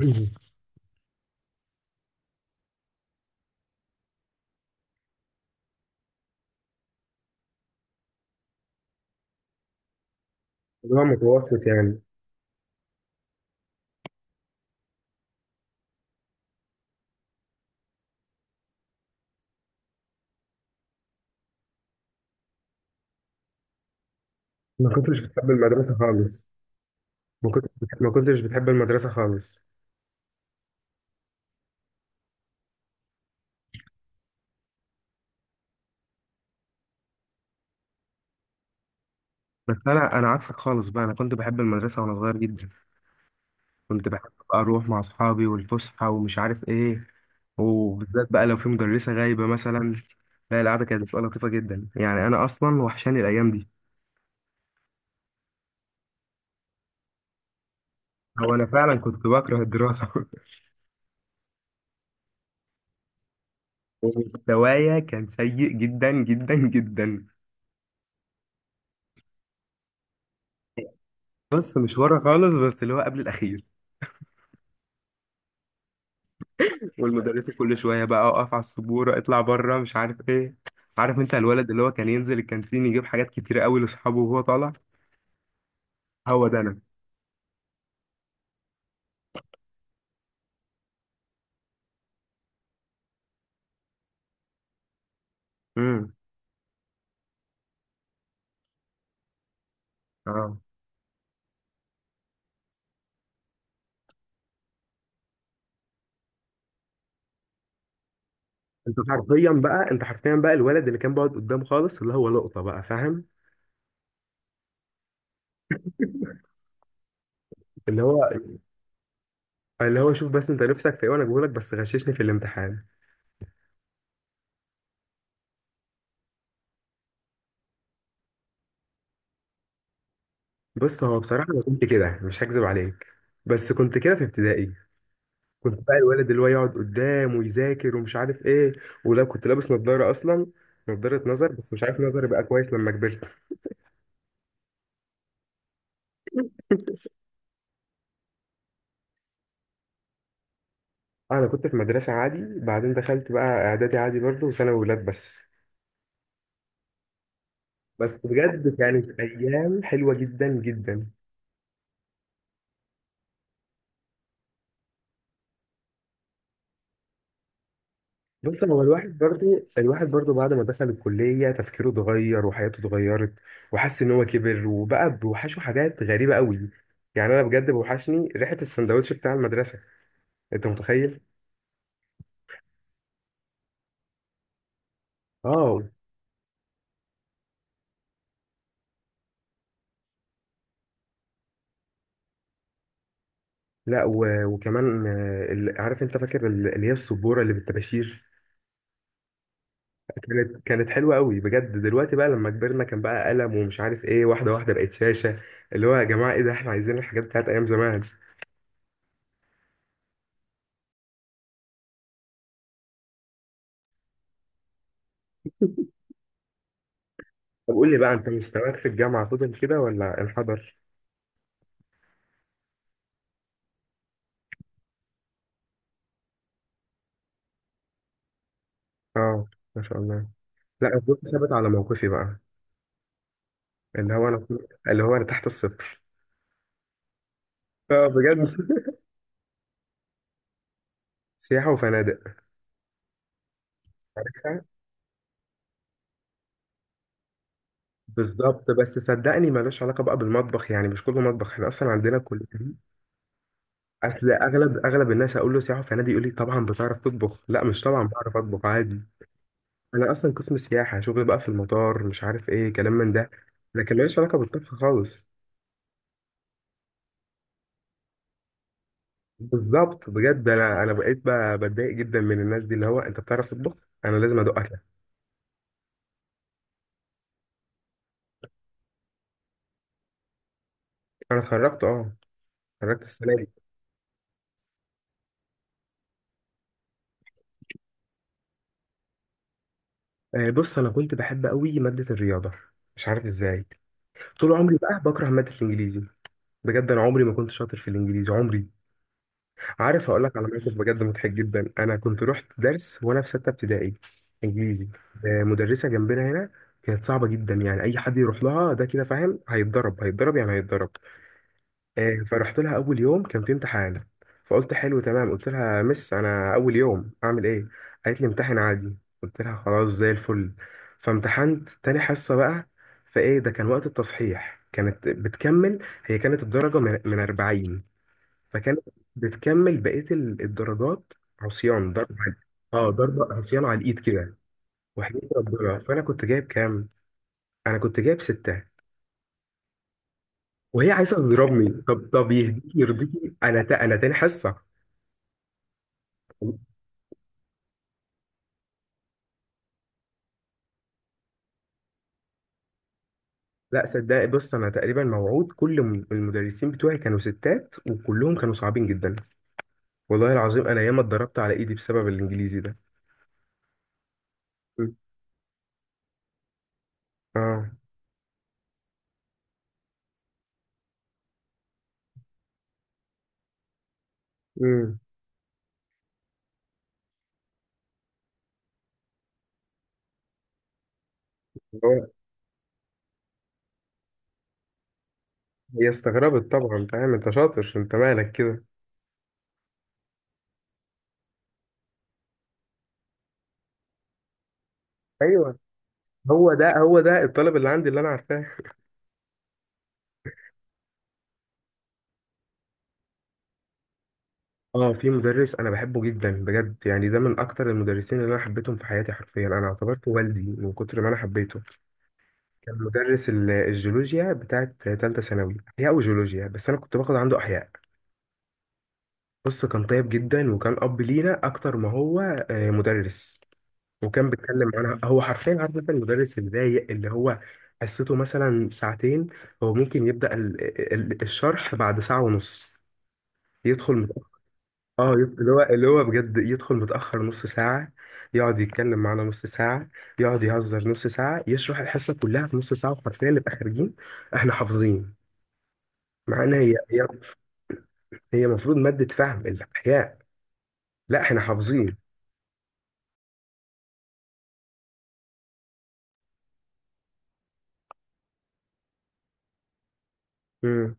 اللي هو متوسط، يعني. ما كنتش بتحب المدرسة خالص. ما كنتش ما كنتش بتحب المدرسة خالص. بس أنا عكسك خالص بقى. أنا كنت بحب المدرسة وأنا صغير جدا. كنت بحب بقى أروح مع أصحابي والفسحة ومش عارف إيه، وبالذات بقى لو في مدرسة غايبة مثلا. لا، القعدة كانت بتبقى لطيفة جدا، يعني أنا أصلا وحشاني الأيام دي. هو أنا فعلا كنت بكره الدراسة ومستوايا كان سيء جدا جدا جدا. بص، مش ورا خالص بس اللي هو قبل الأخير. والمدرسة كل شوية بقى أقف على السبورة، اطلع بره مش عارف إيه. عارف أنت الولد اللي هو كان ينزل الكانتين يجيب حاجات كتيرة قوي لأصحابه وهو طالع؟ هو ده أنا. امم اه انت حرفيا بقى، انت حرفيا بقى الولد اللي كان بيقعد قدام خالص، اللي هو لقطة بقى، فاهم. اللي هو اللي هو شوف بس انت نفسك في ايه، وانا بقولك بس غششني في الامتحان. بص هو بصراحة انا كنت كده، مش هكذب عليك. بس كنت كده في ابتدائي. كنت بقى الولد اللي هو يقعد قدام ويذاكر ومش عارف ايه. ولا كنت لابس نظارة اصلا. نظارة نظر، بس مش عارف، نظري بقى كويس لما كبرت. انا كنت في مدرسة عادي، بعدين دخلت بقى اعدادي عادي برضه، وثانوي ولاد بس. بس بجد كانت ايام حلوة جدا جدا. بص هو الواحد برضه، الواحد برضه بعد ما دخل الكلية تفكيره اتغير وحياته اتغيرت. وحس ان هو كبر وبقى بيوحشه حاجات غريبة قوي. يعني انا بجد بوحشني ريحة السندوتش بتاع المدرسة. انت متخيل؟ اه. لا وكمان عارف انت، فاكر اللي هي السبوره اللي بالطباشير؟ كانت حلوه قوي بجد. دلوقتي بقى لما كبرنا كان بقى قلم ومش عارف ايه، واحده واحده بقت شاشه. اللي هو يا جماعه ايه ده، احنا عايزين الحاجات بتاعت ايام زمان. طب قول لي بقى، انت مستواك في الجامعه فضل كده ولا انحدر؟ اه، ما شاء الله. لا، انا كنت ثابت على موقفي بقى. اللي هو انا تحت الصفر. اه، بجد. سياحه وفنادق. عارفها. بالظبط، بس صدقني ملوش علاقة بقى بالمطبخ، يعني مش كله مطبخ، احنا أصلا عندنا كلية. اصل اغلب الناس اقول له سياحه في نادي يقول لي طبعا بتعرف تطبخ. لا مش طبعا بعرف اطبخ عادي. انا اصلا قسم سياحه، شغل بقى في المطار، مش عارف ايه كلام من ده. لكن ماليش علاقه بالطبخ خالص. بالظبط. بجد انا بقيت بتضايق جدا من الناس دي، اللي هو انت بتعرف تطبخ. انا لازم ادوق اكلك. انا اتخرجت، اه. اتخرجت السنه دي. بص انا كنت بحب قوي ماده الرياضه. مش عارف ازاي. طول عمري بقى بكره ماده الانجليزي. بجد انا عمري ما كنت شاطر في الانجليزي عمري. عارف، هقول لك على موقف بجد مضحك جدا. انا كنت رحت درس وانا في 6 ابتدائي. انجليزي. مدرسه جنبنا هنا. كانت صعبه جدا، يعني اي حد يروح لها ده كده فاهم هيتضرب، هيتضرب يعني هيتضرب. فرحت لها، اول يوم كان في امتحان. فقلت حلو تمام، قلت لها مس انا اول يوم اعمل ايه؟ قالت لي امتحن عادي. قلت لها خلاص زي الفل. فامتحنت تاني حصه بقى، فايه ده، كان وقت التصحيح كانت بتكمل. هي كانت الدرجه من 40. فكانت بتكمل بقية الدرجات. عصيان ضرب على. اه، ضرب عصيان على الايد كده. وحياة ربنا، فانا كنت جايب كام؟ انا كنت جايب ستة. وهي عايزة تضربني. طب طب، يهديك يرضيكي انا انا تاني حصة. لا صدقني، بص انا تقريبا موعود. كل المدرسين بتوعي كانوا ستات وكلهم كانوا صعبين جدا. والله العظيم انا ياما اتضربت على ايدي بسبب الانجليزي ده. مم. اه. امم هو- هي استغربت طبعا، فاهم انت شاطر انت مالك كده. ايوه، هو ده هو ده الطالب اللي عندي اللي انا عارفاه. اه، في مدرس انا بحبه جدا، بجد يعني ده من اكتر المدرسين اللي انا حبيتهم في حياتي. حرفيا انا اعتبرته والدي من كتر ما انا حبيته. كان مدرس الجيولوجيا بتاعت تالتة ثانوي، احياء وجيولوجيا بس انا كنت باخد عنده احياء. بص كان طيب جدا وكان اب لينا اكتر ما هو مدرس. وكان بيتكلم معانا. هو حرفيا عارف انت المدرس الضايق اللي هو حصته مثلا ساعتين، هو ممكن يبدأ الشرح بعد ساعة ونص. يدخل. اللي هو بجد يدخل متأخر نص ساعة. يقعد يتكلم معانا نص ساعة. يقعد يهزر نص ساعة، يشرح الحصة كلها في نص ساعة وحرفيا نبقى خارجين. احنا حافظين. معانا هي هي المفروض مادة فهم، الأحياء. لا، احنا حافظين. امم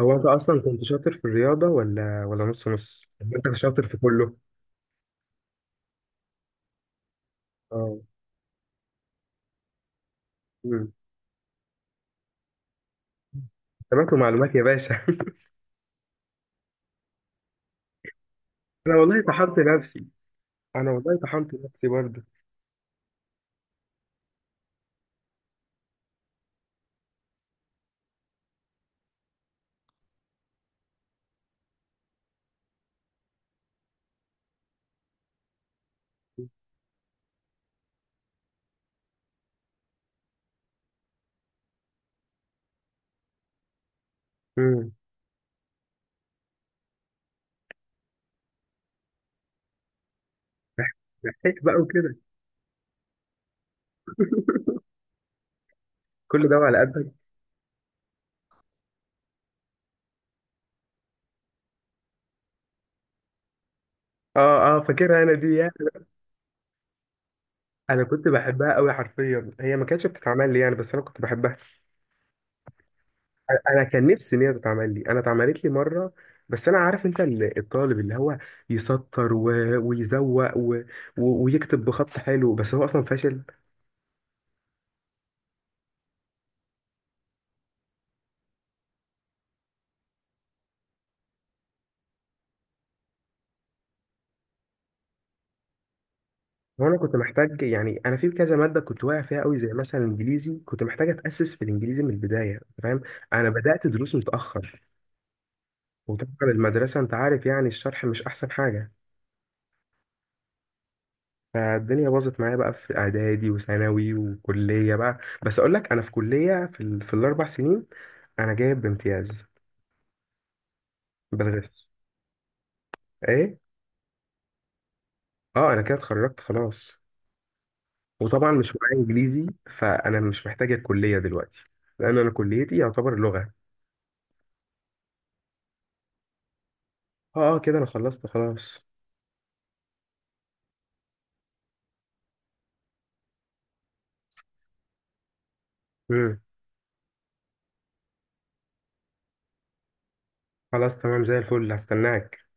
هو انت اصلا كنت شاطر في الرياضة، ولا نص نص؟ يعني انت شاطر في كله. اه. امم تمام، معلومات يا باشا انا والله طحنت نفسي. انا والله طحنت نفسي برضه. امم لحقت بقى وكده. كل ده على قدك. اه اه، فاكرها انا دي. انا كنت بحبها قوي، حرفيا هي ما كانتش بتتعمل لي يعني، بس انا كنت بحبها. انا كان نفسي ان هي تتعمل لي، انا اتعملت لي مره. بس انا عارف انت الطالب اللي هو يسطر ويزوق ويكتب بخط حلو، بس هو اصلا فاشل. وانا كنت محتاج، يعني انا في كذا ماده كنت واقع فيها قوي زي مثلا الانجليزي، كنت محتاج اتاسس في الانجليزي من البدايه، فاهم. انا بدات دروس متاخر. وطبعا المدرسه انت عارف، يعني الشرح مش احسن حاجه. فالدنيا باظت معايا بقى في اعدادي وثانوي وكليه بقى. بس اقول لك انا في كليه، في الـ4 سنين انا جايب بامتياز. بالغش. ايه. اه انا كده اتخرجت خلاص. وطبعا مش معايا انجليزي فانا مش محتاج الكليه دلوقتي، لان انا كليتي يعتبر لغه. اه اه، كده انا خلصت خلاص. امم خلاص تمام زي الفل، هستناك.